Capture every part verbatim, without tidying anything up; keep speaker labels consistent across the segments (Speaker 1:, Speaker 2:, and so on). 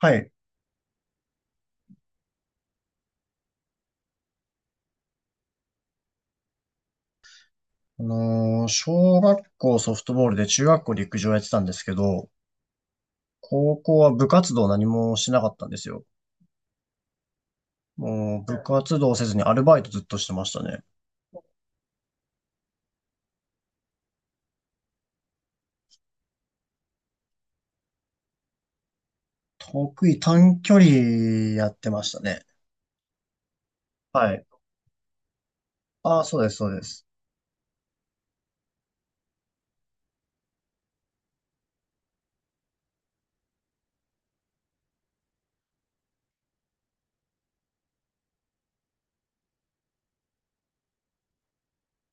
Speaker 1: はい。あのー小学校ソフトボールで中学校陸上やってたんですけど、高校は部活動何もしなかったんですよ。もう部活動せずにアルバイトずっとしてましたね。得意短距離やってましたね。はい。ああ、そうです、そうです。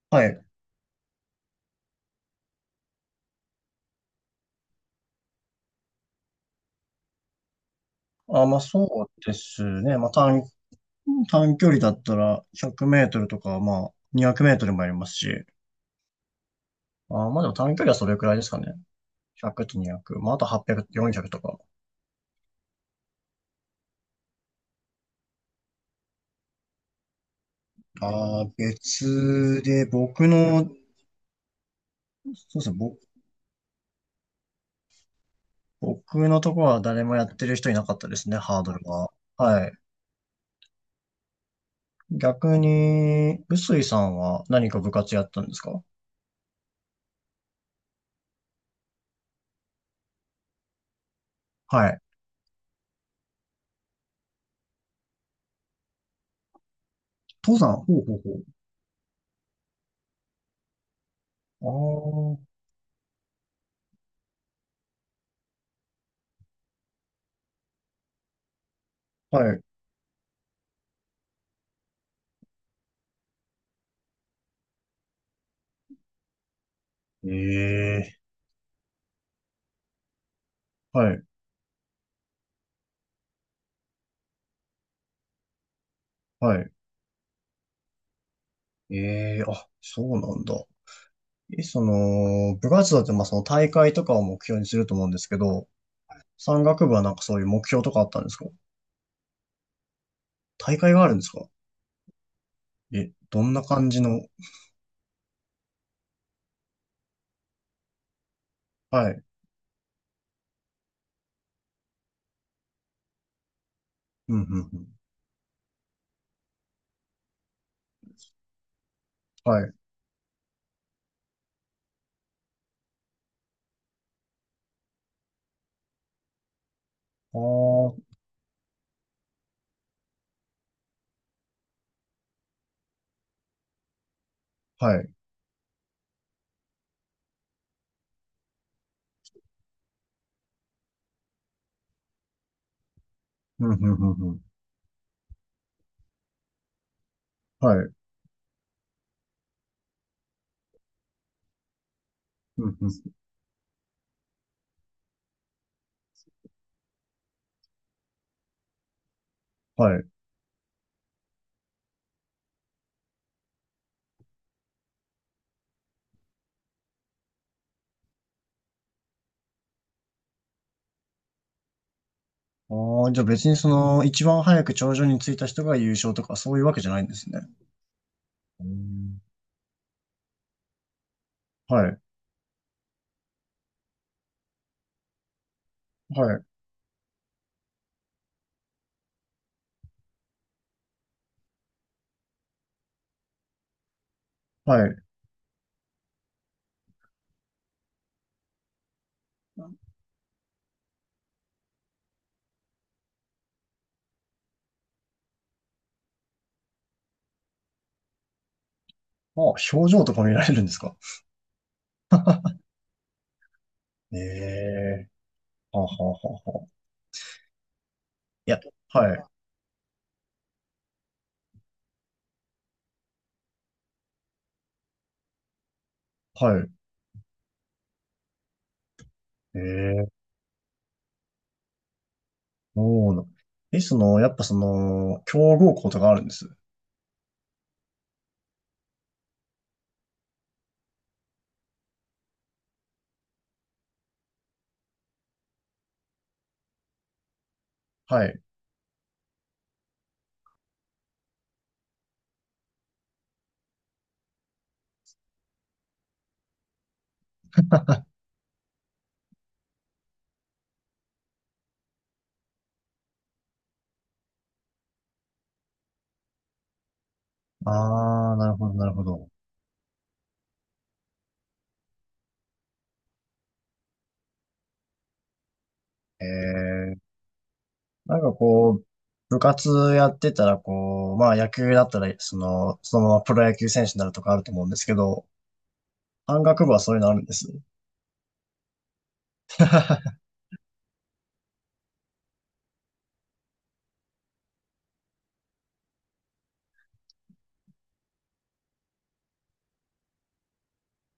Speaker 1: はい。あまあそうですね。まあ短、短距離だったらひゃくメートルとか、まあにひゃくメートルもやりますし。あまあでも短距離はそれくらいですかね。ひゃくとにひゃく。まああとはっぴゃく、よんひゃくとか。ああ、別で、僕の、そうですね、ぼ僕のところは誰もやってる人いなかったですね、ハードルは。はい。逆に、臼井さんは何か部活やったんですか？はい。登山、ほうほうほう。ああ、はい。ええ、はい、はい。ええ、あ、そうなんだ。え、その、部活動って、まあ、その大会とかを目標にすると思うんですけど、山岳部はなんかそういう目標とかあったんですか？大会があるんですか？え、どんな感じの、はい。うんうんうん。はい。ああ、はい。うんうんうんうん。はい。うんうん。はい。ああ、じゃあ別にその、一番早く頂上に着いた人が優勝とかそういうわけじゃないんですね。うんはい。はい。はい。あ、表情とか見られるんですか？ええーはあはあはあはあ。いや、はい。はい。ええーそうな。え、その、やっぱその、強豪校とかあるんです。はい。ああ、なるほど、なるほど。ええなんかこう、部活やってたらこう、まあ野球だったら、その、そのままプロ野球選手になるとかあると思うんですけど、山岳部はそういうのあるんです。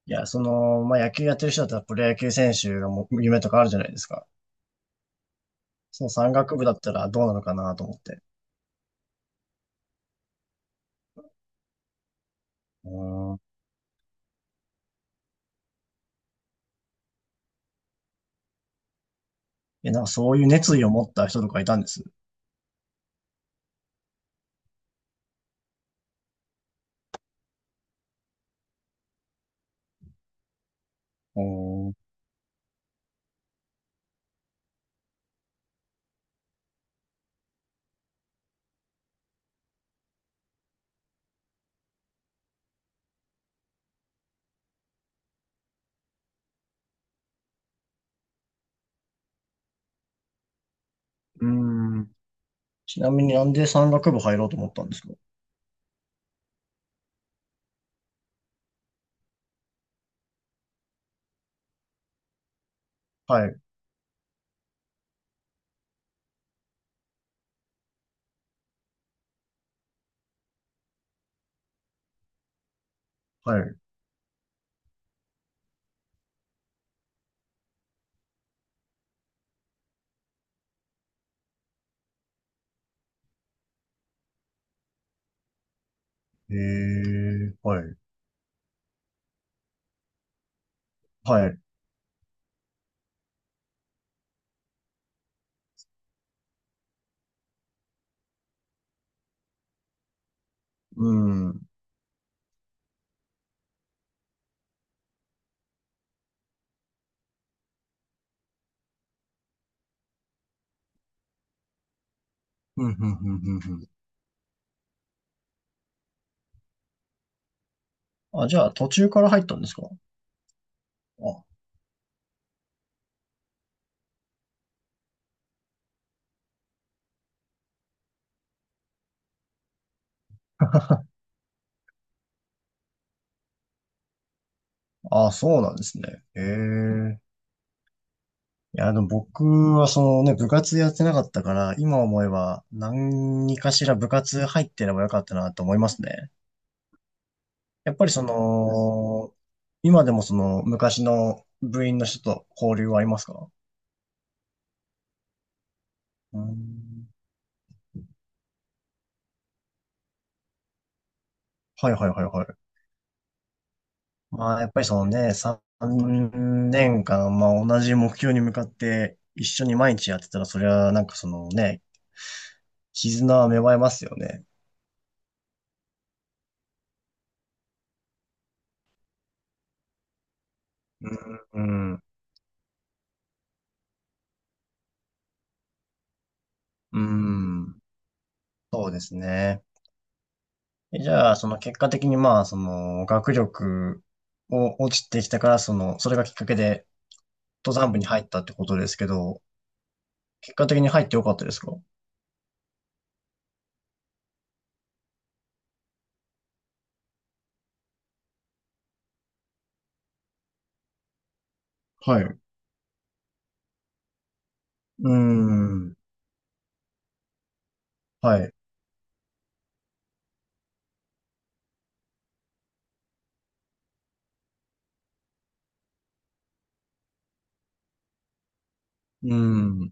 Speaker 1: いや、その、まあ野球やってる人だったらプロ野球選手がもう夢とかあるじゃないですか。その山岳部だったらどうなのかなと思って。うん。え、なんかそういう熱意を持った人とかいたんです。うん。うん。ちなみになんで山岳部入ろうと思ったんですか？はい、はい。えー、はい、はい。うん。うん、うん、うん、うん、うんあ、じゃあ途中から入ったんですか？あ、あ、そうなんですね。へえ。いや、でも僕はそのね、部活やってなかったから、今思えば何かしら部活入ってればよかったなと思いますね。やっぱりその、今でもその昔の部員の人と交流はありますか？うん。はいはいはいはい。まあやっぱりそのね、さんねんかん、まあ同じ目標に向かって一緒に毎日やってたら、それはなんかそのね、絆は芽生えますよね。うん、うん、うんそうですね。えじゃあ、その結果的にまあ、その学力を落ちてきたから、その、それがきっかけで登山部に入ったってことですけど、結果的に入ってよかったですか？はい。うん、はい。うん。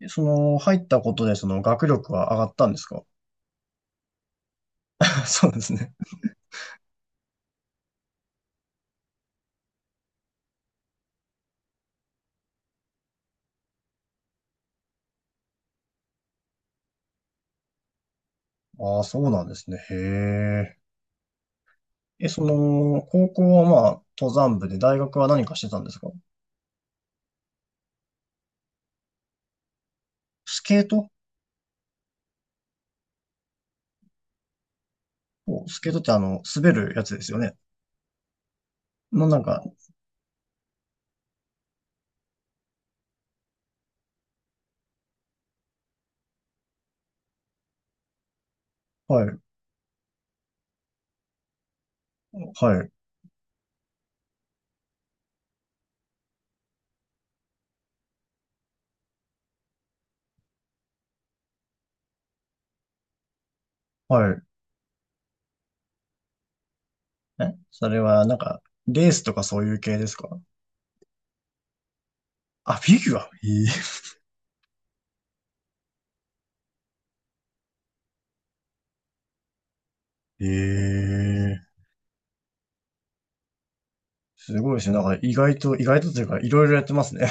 Speaker 1: えその、入ったことで、その、学力は上がったんですか？ そうですね。ああ、そうなんですね。へえ。え、その、高校はまあ、登山部で、大学は何かしてたんですか？スケート。おスケートってあの、滑るやつですよね。のなんか、はい、はい、はい。え、それはなんか、レースとかそういう系ですか？あ、フィギュアええ。ーすごいですね。なんか意外と、意外とというか、いろいろやってますね。